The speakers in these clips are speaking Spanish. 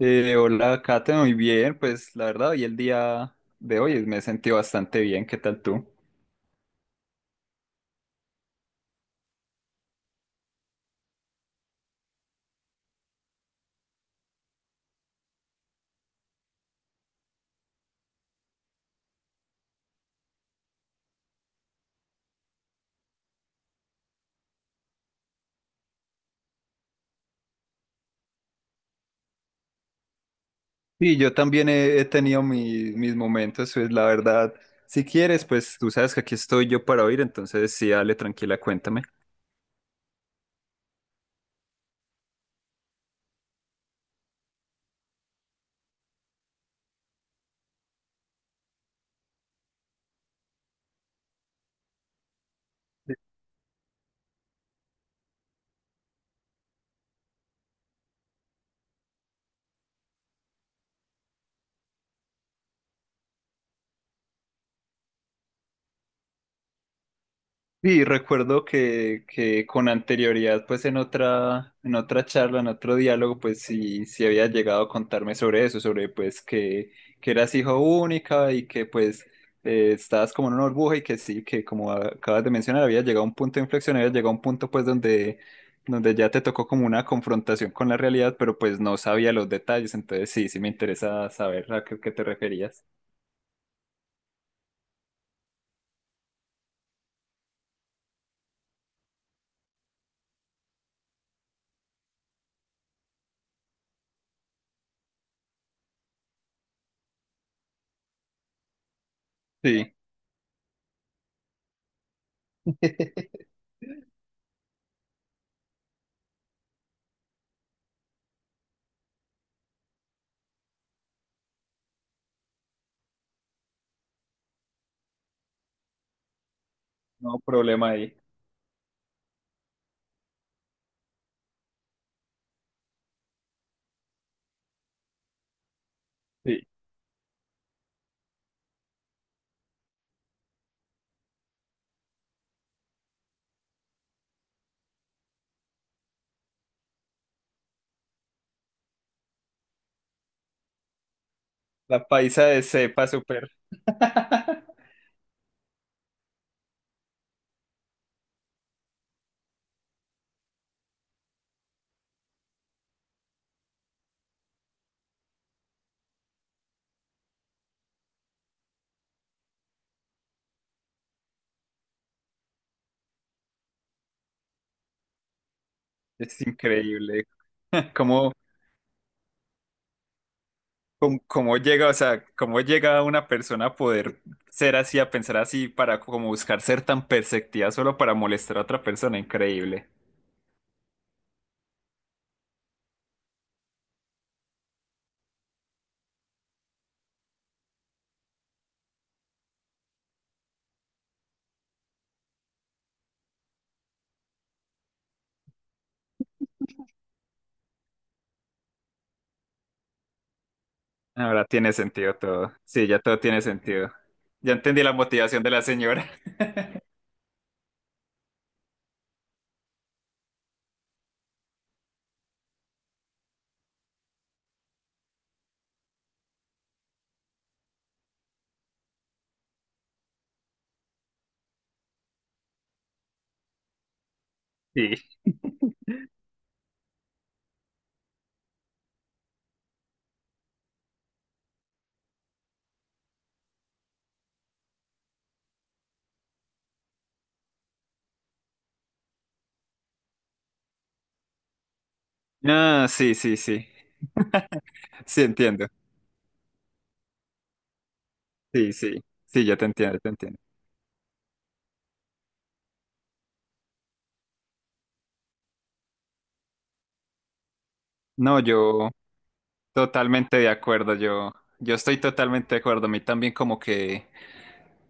Hola, Kate, muy bien. Pues la verdad, hoy el día de hoy me he sentido bastante bien. ¿Qué tal tú? Sí, yo también he tenido mis momentos, pues la verdad, si quieres, pues tú sabes que aquí estoy yo para oír, entonces sí, dale, tranquila, cuéntame. Sí, recuerdo que con anterioridad, pues en otra charla, en otro diálogo, pues sí, sí había llegado a contarme sobre eso, sobre pues que eras hijo única y que pues estabas como en una burbuja y que sí, que como acabas de mencionar, había llegado a un punto de inflexión, había llegado a un punto pues donde ya te tocó como una confrontación con la realidad, pero pues no sabía los detalles, entonces sí, sí me interesa saber a qué te referías. Sí, no problema ahí. Sí, la paisa de cepa. Es increíble. cómo, Cómo llega, o sea, cómo llega una persona a poder ser así, a pensar así, para como buscar ser tan perceptiva solo para molestar a otra persona. Increíble. Ahora tiene sentido todo. Sí, ya todo tiene sentido. Ya entendí la motivación de la señora. Sí. Ah, sí, sí, sí. Sí, entiendo. Sí, sí. Sí, ya te entiendo, te entiendo. No, yo. Totalmente de acuerdo, yo estoy totalmente de acuerdo. A mí también como que,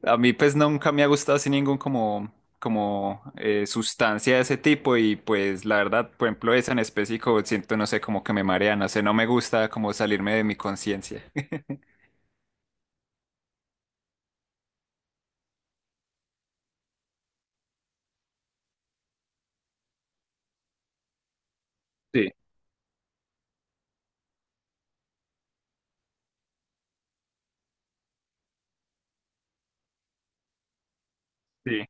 a mí pues nunca me ha gustado así ningún como, como sustancia de ese tipo y pues la verdad, por ejemplo, esa en específico siento, no sé, como que me marea, no sé, no me gusta como salirme de mi conciencia. Sí, sí.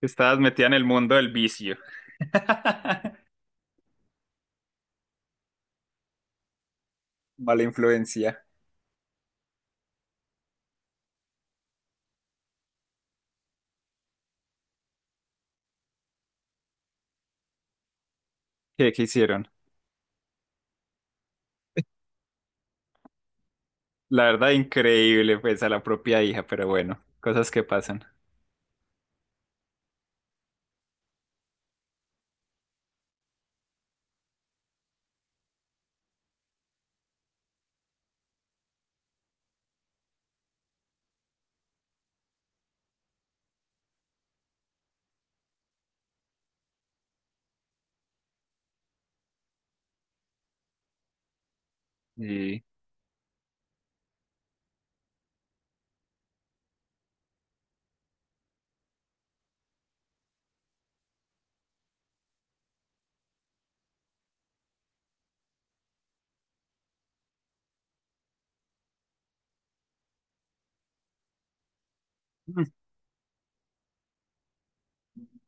Estabas metida en el mundo del vicio. Mala influencia. Qué hicieron? La verdad, increíble, pues a la propia hija, pero bueno, cosas que pasan. Y...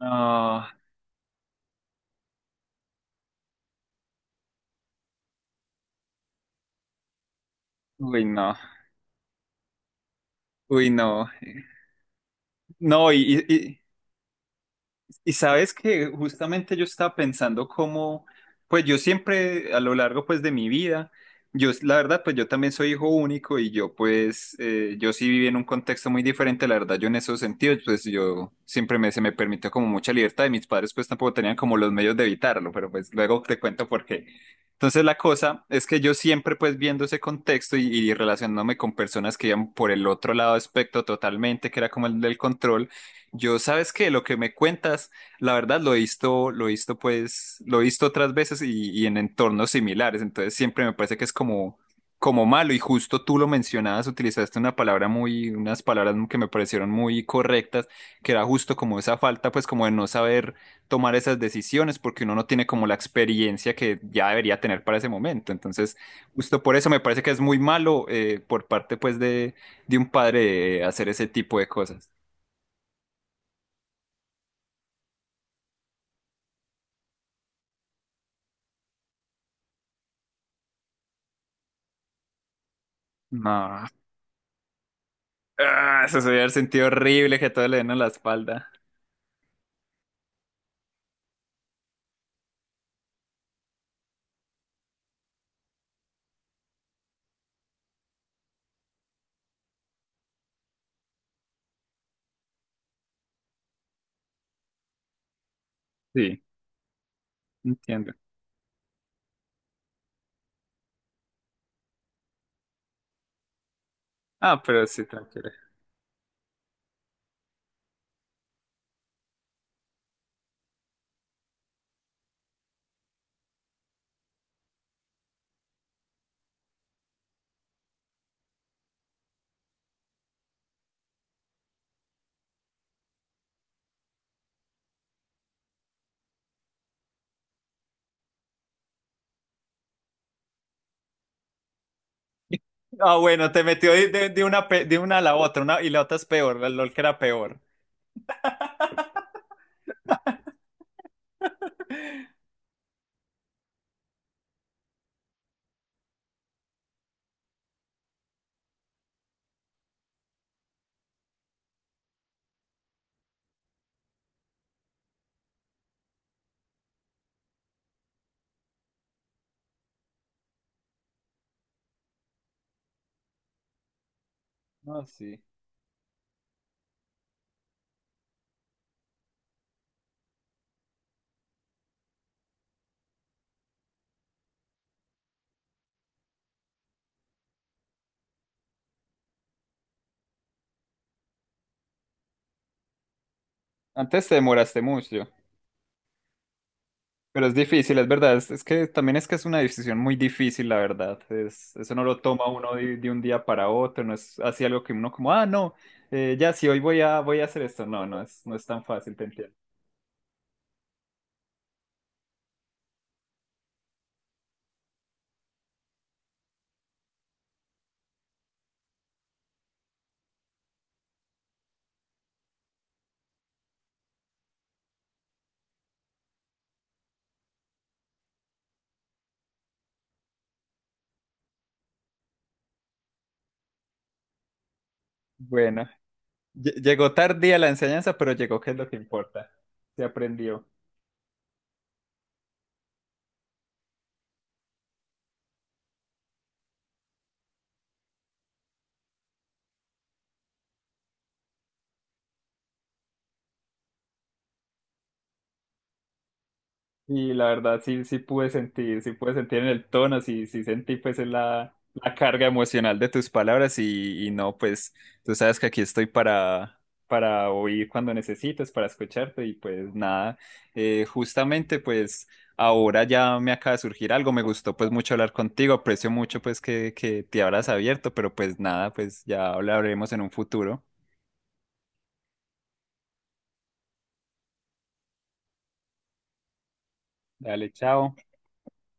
No, Uy, no, uy, no. No, Y sabes que justamente yo estaba pensando cómo, pues yo siempre a lo largo pues de mi vida, yo la verdad pues yo también soy hijo único y yo pues yo sí viví en un contexto muy diferente, la verdad yo en esos sentidos pues yo siempre me, se me permitió como mucha libertad y mis padres pues tampoco tenían como los medios de evitarlo, pero pues luego te cuento por qué. Entonces la cosa es que yo siempre pues viendo ese contexto y relacionándome con personas que iban por el otro lado del espectro totalmente, que era como el del control, yo sabes que lo que me cuentas... La verdad lo he visto pues, lo he visto otras veces y en entornos similares, entonces siempre me parece que es como, como malo y justo tú lo mencionabas, utilizaste una palabra muy, unas palabras que me parecieron muy correctas, que era justo como esa falta pues como de no saber tomar esas decisiones porque uno no tiene como la experiencia que ya debería tener para ese momento, entonces justo por eso me parece que es muy malo por parte de un padre hacer ese tipo de cosas. No, ah, eso se hubiera sentido horrible que todo le den a la espalda. Sí, entiendo. Ah, pero sí, tranquila. Ah, bueno, te metió de una, de una a la otra, una, y la otra es peor, la LOL que era peor. No, sí. Antes te demoraste mucho, pero es difícil, es verdad. Es que también es que es una decisión muy difícil, la verdad. Es, eso no lo toma uno de un día para otro, no es así algo que uno como, ah, no, ya sí, hoy voy voy a hacer esto. No, no es, no es tan fácil, te entiendo. Bueno. Llegó tardía la enseñanza, pero llegó, que es lo que importa. Se aprendió. Y la verdad, sí, sí pude sentir en el tono, sí, sí sentí pues en la, la carga emocional de tus palabras y no, pues tú sabes que aquí estoy para oír cuando necesites, para escucharte y pues nada, justamente pues ahora ya me acaba de surgir algo, me gustó pues mucho hablar contigo, aprecio mucho pues que te habrás abierto, pero pues nada, pues ya hablaremos en un futuro. Dale, chao.